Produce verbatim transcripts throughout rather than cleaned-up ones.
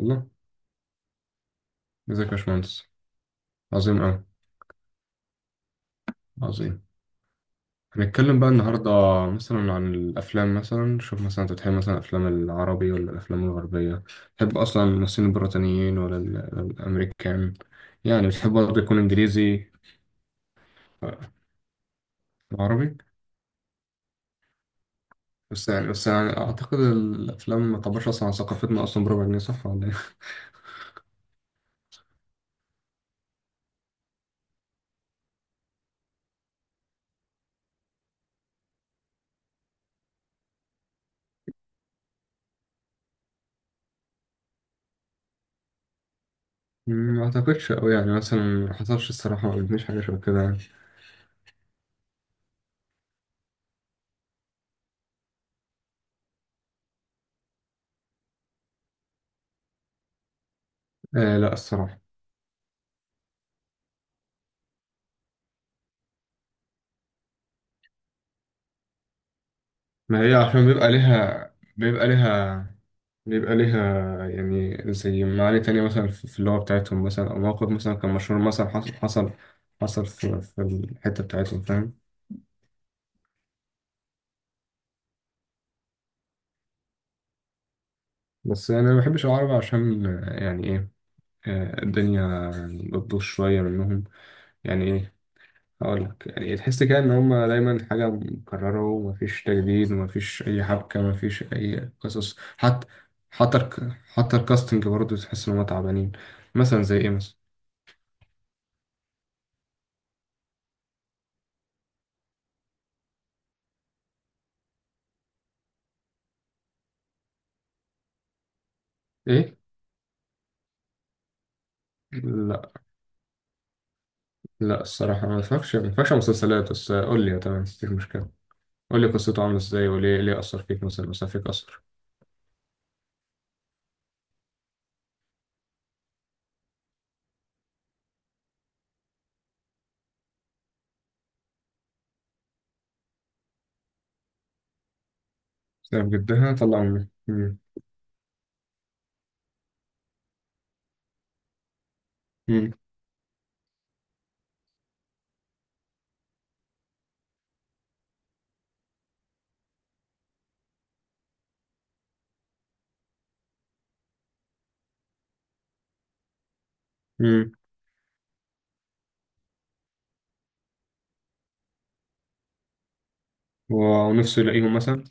الله. ازيك يا باشمهندس؟ عظيم أوي. عظيم. هنتكلم بقى النهاردة مثلا عن الأفلام. مثلا شوف، مثلا أنت بتحب مثلا الأفلام العربي ولا الأفلام الغربية؟ تحب أصلا الممثلين البريطانيين ولا ال- الأمريكان؟ يعني بتحب برضه يكون إنجليزي وعربي؟ بس يعني بس يعني أعتقد الأفلام ما تعبرش أصلا عن ثقافتنا أصلا بربع جنيه، صح ولا إيه؟ ما أعتقدش أوي، يعني مثلا ما حصلش الصراحة، ما قابلتنيش حاجة شبه كده يعني. آه لا الصراحة. ما هي عشان بيبقى ليها بيبقى ليها بيبقى ليها يعني زي معاني تانية مثلا في في اللغة بتاعتهم، مثلا أو موقف مثلا كان مشهور، مثلا حصل حصل حصل في, في الحتة بتاعتهم، فاهم؟ بس أنا ما بحبش العرب عشان آه، يعني إيه، آه، الدنيا بتبوظ شوية منهم. يعني إيه، هقولك، يعني تحس كده إن هما دايما حاجة مكررة ومفيش تجديد ومفيش أي حبكة مفيش أي قصص حتى. حتى الك- حتى الكاستنج برضه تحس إن هما تعبانين. مثلا زي إيه مثلا؟ ايه. لا لا الصراحه، ما اتفرجش ما اتفرجش على مسلسلات، بس قول لي تمام مفيش مشكله. قول لي قصته عامله ازاي، وليه ليه اثر فيك؟ مثلا مثلا فيك اثر. سبب جدها طلع امي. مم. مم. مم. و- ونفسه يلاقيهم مثلا.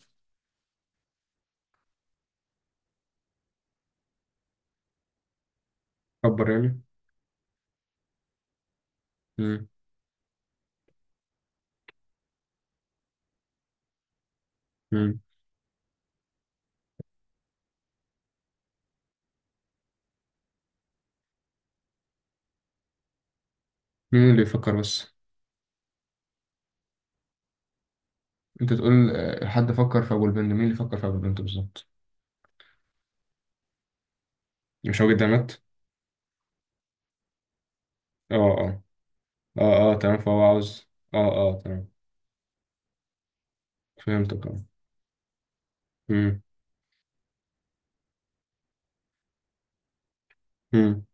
كبر يعني. مم. مم. مين اللي يفكر بس؟ انت تقول آه، حد فكر في ابو البنت، مين اللي فكر في ابو البنت بالظبط؟ مش هو جدها مات؟ اه اه. اه اه تمام، فهو عاوز. اه اه تمام. فهمتك اه. مم. مم.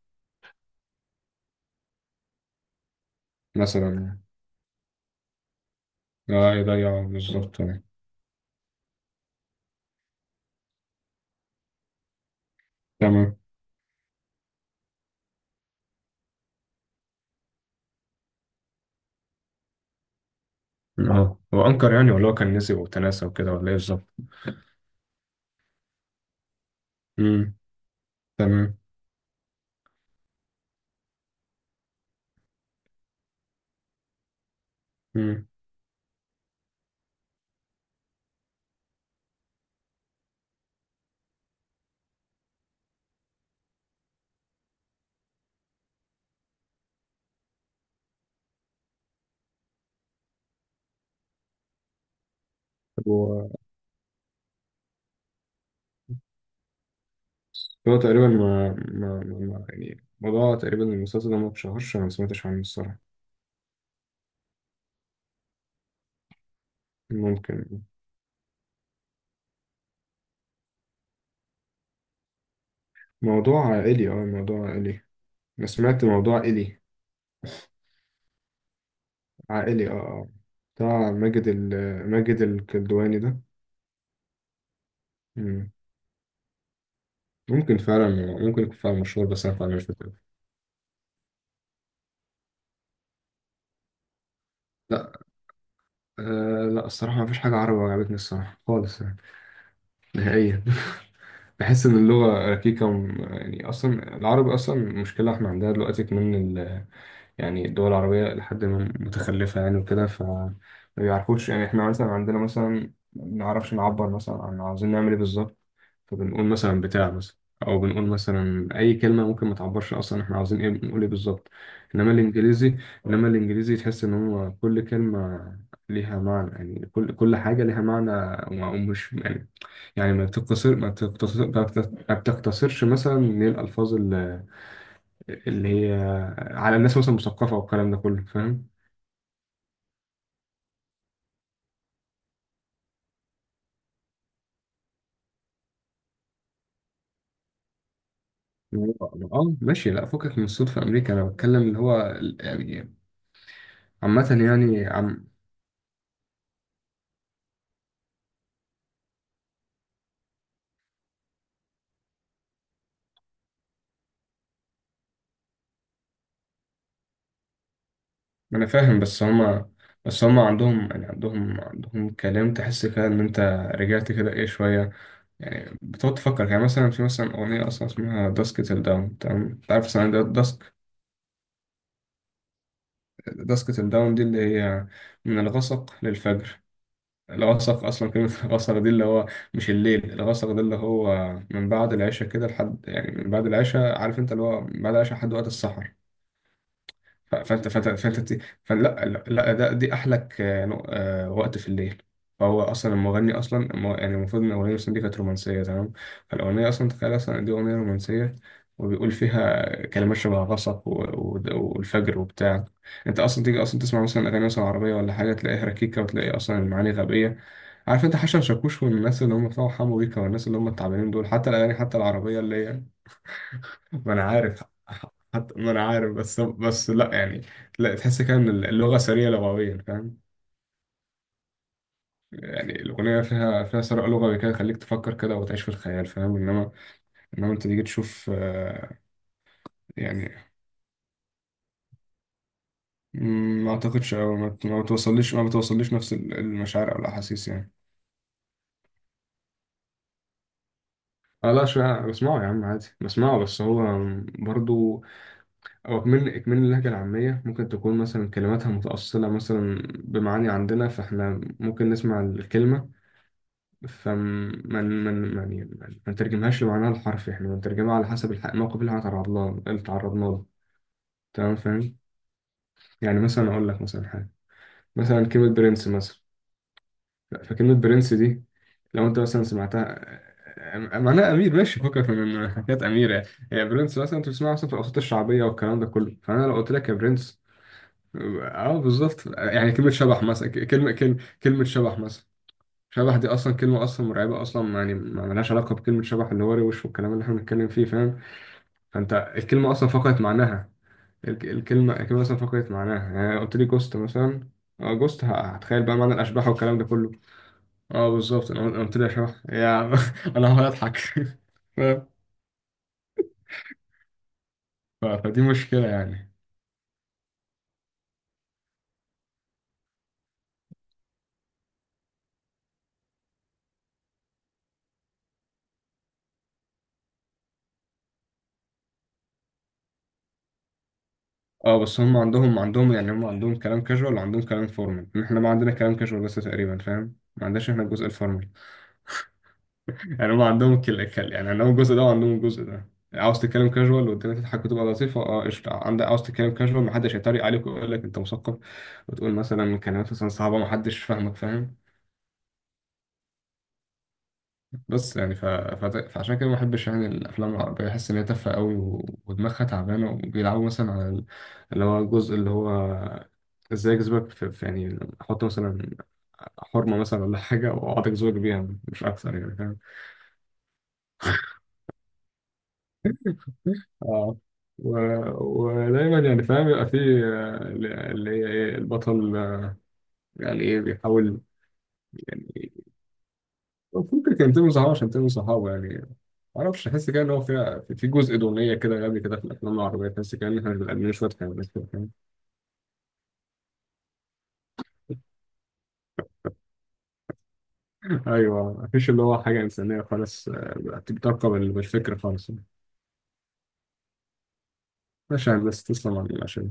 مثلا يعني. اه يضيع بالظبط يعني. تمام. اه، هو انكر يعني، ولا هو كان نسي وتناسى وكده، ولا ايه بالظبط؟ امم. تمام. امم. طب هو، هو تقريبا ما ما, ما ما- يعني موضوع تقريبا المسلسل ده ما اتشهرش، أنا ما سمعتش عنه الصراحة. ممكن. موضوع عائلي، اه موضوع عائلي. أنا سمعت موضوع عائلي. عائلي اه اه. بتاع ماجد ال، ماجد الكدواني ده. مم. ممكن فعلا. ممكن يكون فعلا مشهور، بس أنا فعلا مش فاكر. لا. آه لا الصراحة، ما فيش حاجة عربي عجبتني الصراحة خالص يعني. نهائيا. بحس ان اللغه ركيكه وم- يعني اصلا العربي اصلا مشكله احنا عندنا دلوقتي كمان. يعني الدول العربية لحد ما متخلفة يعني وكده، فما بيعرفوش يعني. احنا مثلا عندنا مثلا ما بنعرفش نعبر مثلا عن عاوزين نعمل ايه بالظبط. فبنقول مثلا بتاع مثلا، أو بنقول مثلا أي كلمة ممكن ما تعبرش أصلا احنا عاوزين ايه، بنقول ايه بالظبط. إنما الإنجليزي إنما الإنجليزي تحس إن هو كل كلمة ليها معنى، يعني كل كل حاجة ليها معنى. ومش يعني، يعني ما بتقتصر ما بتقتصر ما بتقتصرش مثلا من الألفاظ اللي هي على الناس مثلا مثقفة والكلام ده كله، فاهم؟ اه. آه، ماشي. لا فكك من الصوت في أمريكا، أنا بتكلم اللي هو ال- يعني عامة يعني عم. ما أنا فاهم، بس هما بس هما عندهم يعني عندهم عندهم كلام تحس كده إن أنت رجعت كده إيه شوية. يعني بتقعد تفكر، يعني مثلا في مثلا أغنية أصلا اسمها داسكت الداون، تمام؟ أنت عارف مثلا داسك، داسكت الداون دي اللي هي من الغسق للفجر. الغسق اصلا كلمه، الغسق دي اللي هو مش الليل. الغسق ده اللي هو من بعد العشاء كده لحد، يعني من بعد العشاء، عارف انت اللي هو من بعد العشاء لحد وقت السحر. ف- فانت فانت فانت ت- فلا لا لا، ده دي احلك آه، نو- آه، وقت في الليل. فهو اصلا المغني اصلا المو- يعني المفروض ان الاغنيه مثلا دي كانت رومانسيه، تمام. فالاغنيه اصلا تخيل اصلا إن دي اغنيه رومانسيه، وبيقول فيها كلمات شبه غصب و- و- والفجر وبتاع. انت اصلا تيجي اصلا تسمع مثلا اغاني مثلا عربيه ولا حاجه، تلاقيها ركيكه وتلاقي اصلا المعاني غبيه. عارف انت حسن شاكوش والناس اللي هم بتوع حمو بيكا والناس اللي هم التعبانين دول، حتى الاغاني حتى العربيه اللي هي، ما انا عارف. حتى ما انا عارف بس، بس لا يعني، لا تحس كده ان اللغه سريه لغويا، فاهم؟ يعني الاغنيه فيها فيها ثراء لغوي كده، يخليك تفكر كده وتعيش في الخيال، فاهم؟ انما انما انت تيجي تشوف آه، يعني، مم، ما اعتقدش. او ما بت- ما بتوصليش ما بتوصليش نفس ال- المشاعر او الاحاسيس يعني. اه لا، شوية بسمعه يا عم عادي بسمعه، بس هو برضو. أو إكمال إكمال اللهجة العامية ممكن تكون مثلا كلماتها متأصلة مثلا بمعاني عندنا، فإحنا ممكن نسمع الكلمة فما ما ما يعني ما نترجمهاش لمعناها الحرفي، احنا بنترجمها على حسب الح- الموقف اللي احنا تعرضنا له اللي تعرضنا له تمام؟ فاهم. يعني مثلا اقول لك مثلا حاجه، مثلا كلمه برنس مثلا، فكلمه برنس دي لو انت مثلا سمعتها، أم- معناها امير ماشي، فكك من من حكايات امير يعني. يعني برنس مثلا انت بتسمعها مثلا في الاوساط الشعبيه والكلام ده كله، فانا لو قلت لك يا برنس. اه بالظبط، يعني كلمه شبح مثلا، ك- كلمه كلمه كلمه شبح مثلا. شبح دي اصلا كلمه اصلا مرعبه اصلا يعني، ما لهاش علاقه بكلمه شبح اللي هو روش والكلام اللي احنا بنتكلم فيه، فاهم؟ فانت الكلمه اصلا فقدت معناها. الك- الكلمه الكلمه اصلا فقدت معناها، يعني قلت لي جوست مثلا. اه جوست، ه- هتخيل بقى معنى الاشباح والكلام ده كله. اه بالظبط، انا أنا قلت لي يا شبح يا، انا هقعد اضحك فاهم؟ ف- فدي مشكله يعني. اه بس هم عندهم، عندهم يعني هم عندهم كلام كاجوال وعندهم كلام فورمال. احنا ما عندنا كلام كاجوال بس تقريبا، فاهم؟ ما عندناش احنا الجزء الفورمال. يعني هم عندهم كل كل- يعني عندهم الجزء ده وعندهم الجزء ده. عاوز تتكلم كاجوال والدنيا تضحك وتبقى لطيفه، اه قشطه، عندك. عاوز تتكلم كاجوال محدش هيتريق عليك ويقول لك انت مثقف وتقول مثلا كلمات مثلا صعبه محدش فاهمك، فاهم؟ بس يعني ف... ف... فعشان كده ما بحبش يعني الافلام العربيه، بحس ان هي تافهه قوي، و... ودماغها تعبانه، وبيلعبوا مثلا على ال- اللي هو الجزء اللي هو، ازاي اجذبك في، في يعني احط مثلا حرمه مثلا ولا حاجه واقعد اجذبك بيها، مش اكثر يعني، فاهم؟ اه. و... ودايما يعني فاهم، يبقى فيه آه، اللي هي ايه، البطل آه، يعني ايه بيحاول يعني. المفروض كان ينتمي لصحابه، عشان ينتمي لصحابه يعني. معرفش، أحس كده إن هو فيها في في جزء دونية كده غبي كده في الأفلام العربية، تحس كده إن إحنا بنبقى قاعدين شوية حيوانات كده، فاهم؟ أيوه مفيش اللي هو حاجة إنسانية خالص، آه، بتركب الفكر خالص يعني. ماشي يا هندسة، تسلم على المناقشة.